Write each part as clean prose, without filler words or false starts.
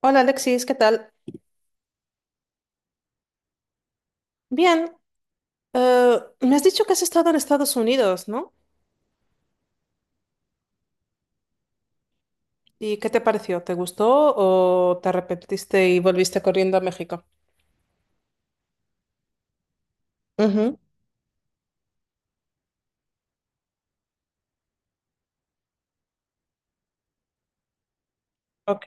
Hola Alexis, ¿qué tal? Bien, me has dicho que has estado en Estados Unidos, ¿no? ¿Y qué te pareció? ¿Te gustó o te arrepentiste y volviste corriendo a México? Ujú, ok.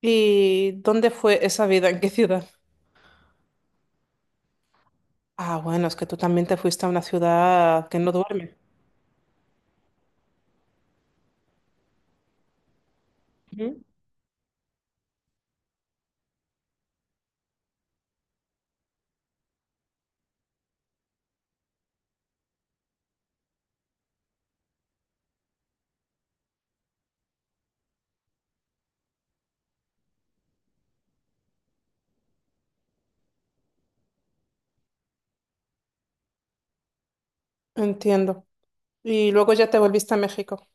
¿Y dónde fue esa vida? ¿En qué ciudad? Ah, bueno, es que tú también te fuiste a una ciudad que no duerme. Ujú. Entiendo. Y luego ya te volviste a México.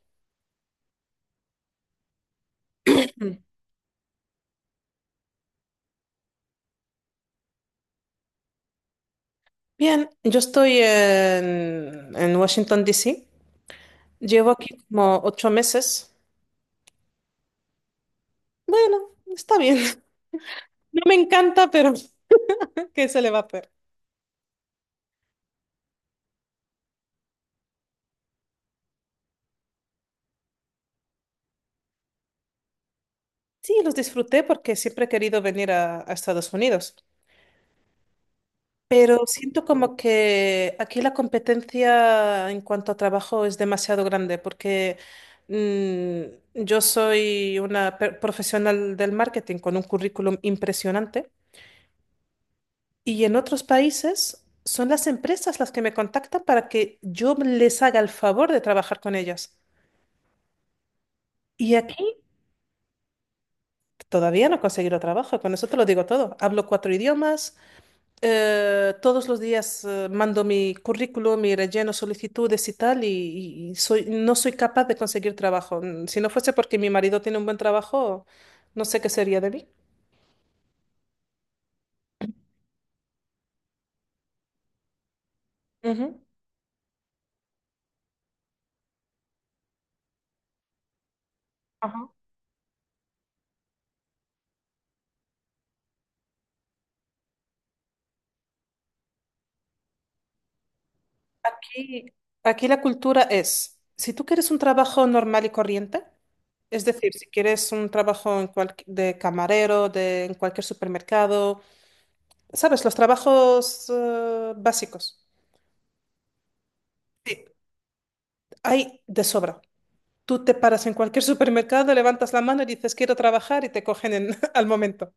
Mm. Bien, yo estoy en Washington, D.C. Llevo aquí como 8 meses. Bueno, está bien. No me encanta, pero... ¿Qué se le va a hacer? Sí, los disfruté porque siempre he querido venir a Estados Unidos, pero siento como que aquí la competencia en cuanto a trabajo es demasiado grande porque yo soy una profesional del marketing con un currículum impresionante y en otros países son las empresas las que me contactan para que yo les haga el favor de trabajar con ellas. Y aquí todavía no he conseguido trabajo, con eso te lo digo todo. Hablo cuatro idiomas. Todos los días mando mi currículum, mi relleno, solicitudes y tal, y soy, no soy capaz de conseguir trabajo. Si no fuese porque mi marido tiene un buen trabajo, no sé qué sería de mí. Ujú. Ajá. Aquí, aquí la cultura es, si tú quieres un trabajo normal y corriente, es decir, si quieres un trabajo en de camarero, en cualquier supermercado, sabes, los trabajos básicos, sí, hay de sobra. Tú te paras en cualquier supermercado, levantas la mano y dices quiero trabajar y te cogen al momento.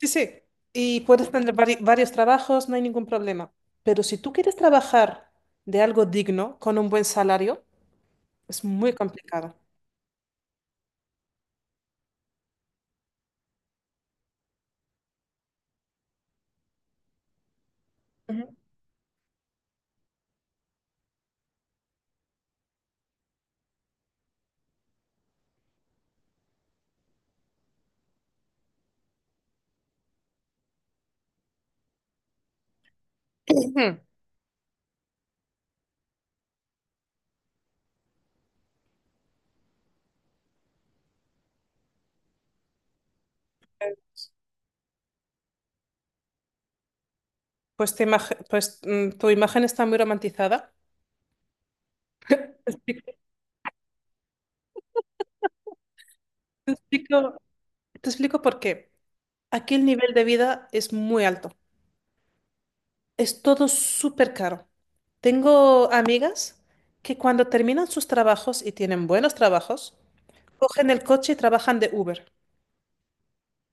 Sí, sí. Y puedes tener varios trabajos, no hay ningún problema. Pero si tú quieres trabajar de algo digno, con un buen salario, es muy complicado. Ujú. Ujú. Pues, pues tu imagen está muy romantizada. Te explico, te explico, te explico por qué. Aquí el nivel de vida es muy alto. Es todo súper caro. Tengo amigas que cuando terminan sus trabajos y tienen buenos trabajos, cogen el coche y trabajan de Uber.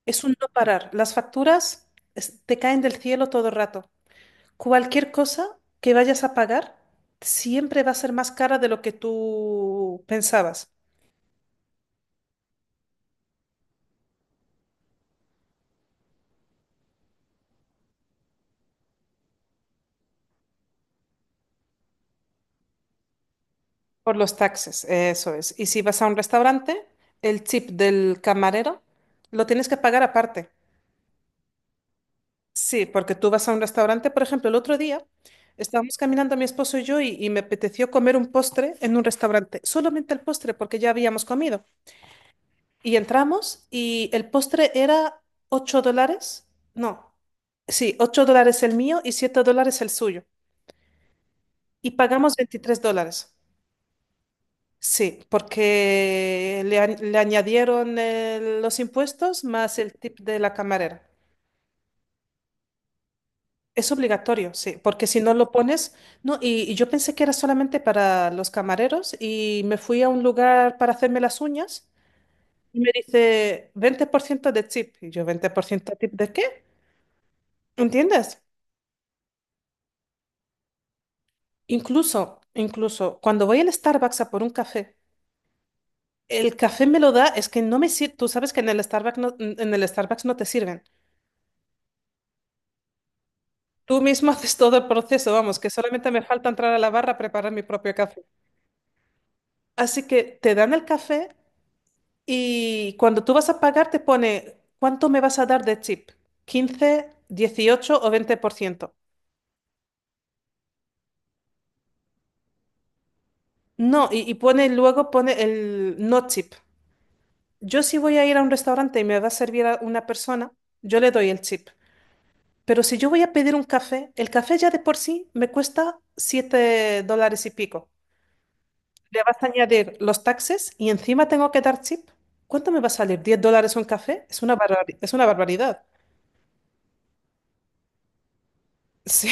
Es un no parar. Las facturas te caen del cielo todo el rato. Cualquier cosa que vayas a pagar siempre va a ser más cara de lo que tú pensabas. Por los taxes, eso es. Y si vas a un restaurante, el chip del camarero lo tienes que pagar aparte. Sí, porque tú vas a un restaurante, por ejemplo, el otro día estábamos caminando mi esposo y yo y me apeteció comer un postre en un restaurante, solamente el postre porque ya habíamos comido. Y entramos y el postre era $8, no, sí, $8 el mío y $7 el suyo. Y pagamos $23. Sí, porque le añadieron los impuestos más el tip de la camarera. Es obligatorio, sí, porque si no lo pones, no, y yo pensé que era solamente para los camareros y me fui a un lugar para hacerme las uñas y me dice 20% de tip. Y yo, ¿20% de tip de qué? ¿Entiendes? Incluso cuando voy al Starbucks a por un café, el café me lo da, es que no me sirve, tú sabes que en el Starbucks no, en el Starbucks no te sirven. Tú mismo haces todo el proceso, vamos, que solamente me falta entrar a la barra a preparar mi propio café. Así que te dan el café. Y cuando tú vas a pagar, te pone, ¿cuánto me vas a dar de chip? ¿15, 18 o 20%? No, y pone luego pone el no chip. Yo si voy a ir a un restaurante y me va a servir a una persona, yo le doy el chip. Pero si yo voy a pedir un café, el café ya de por sí me cuesta $7 y pico. Le vas a añadir los taxes y encima tengo que dar chip. ¿Cuánto me va a salir? ¿$10 un café? Es una es una barbaridad. Sí.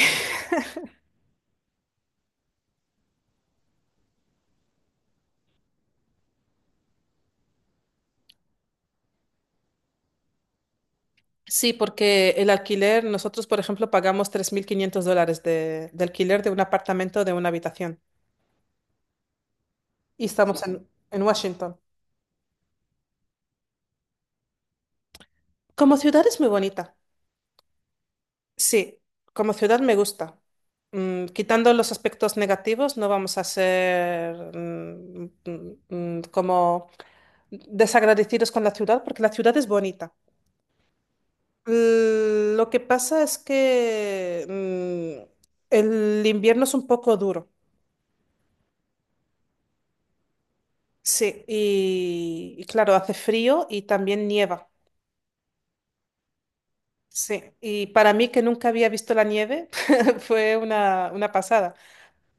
Sí, porque el alquiler, nosotros, por ejemplo, pagamos $3.500 de alquiler de un apartamento de una habitación. Y estamos en Washington. Como ciudad es muy bonita. Sí, como ciudad me gusta. Quitando los aspectos negativos, no vamos a ser como desagradecidos con la ciudad, porque la ciudad es bonita. Lo que pasa es que el invierno es un poco duro. Sí, y claro, hace frío y también nieva. Sí, y para mí que nunca había visto la nieve fue una pasada.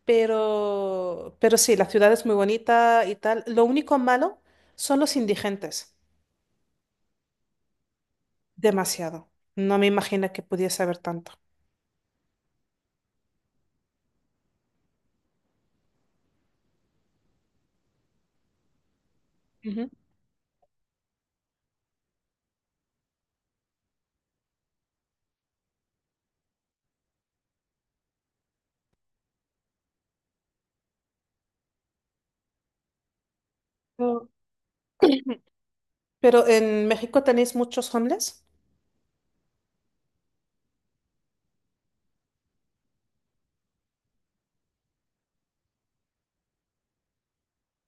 Pero sí, la ciudad es muy bonita y tal. Lo único malo son los indigentes. Demasiado. No me imagino que pudiese haber tanto. Ujú. Pero pero en México tenéis muchos homeless.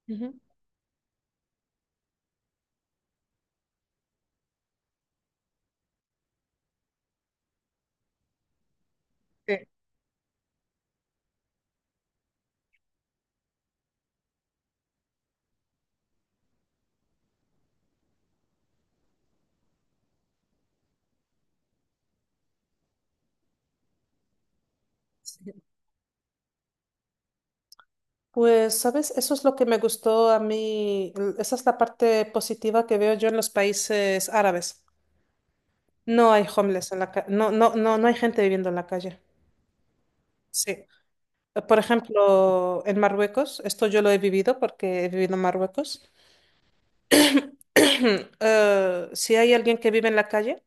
Ujú. Sí, sí. Pues, ¿sabes? Eso es lo que me gustó a mí. Esa es la parte positiva que veo yo en los países árabes. No hay homeless en la calle, no, no, no, no hay gente viviendo en la calle. Sí. Por ejemplo, en Marruecos, esto yo lo he vivido porque he vivido en Marruecos. Si hay alguien que vive en la calle,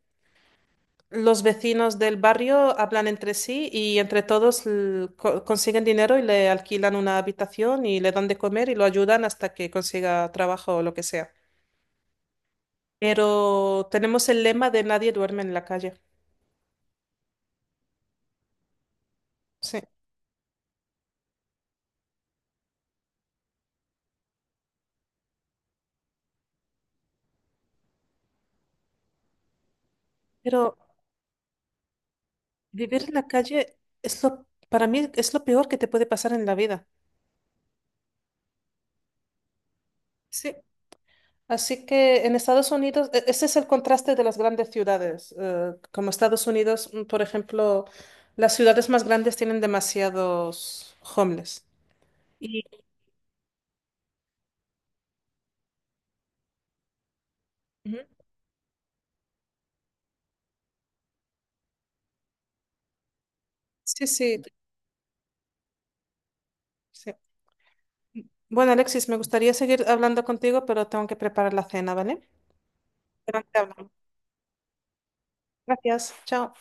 los vecinos del barrio hablan entre sí y entre todos consiguen dinero y le alquilan una habitación y le dan de comer y lo ayudan hasta que consiga trabajo o lo que sea. Pero tenemos el lema de nadie duerme en la calle. Sí. Pero vivir en la calle para mí es lo peor que te puede pasar en la vida. Sí, así que en Estados Unidos, ese es el contraste de las grandes ciudades. Como Estados Unidos, por ejemplo, las ciudades más grandes tienen demasiados homeless. Y Ujú, sí, sí, sí. Bueno, Alexis, me gustaría seguir hablando contigo, pero tengo que preparar la cena, ¿vale? Pero te hablamos. Gracias. Chao.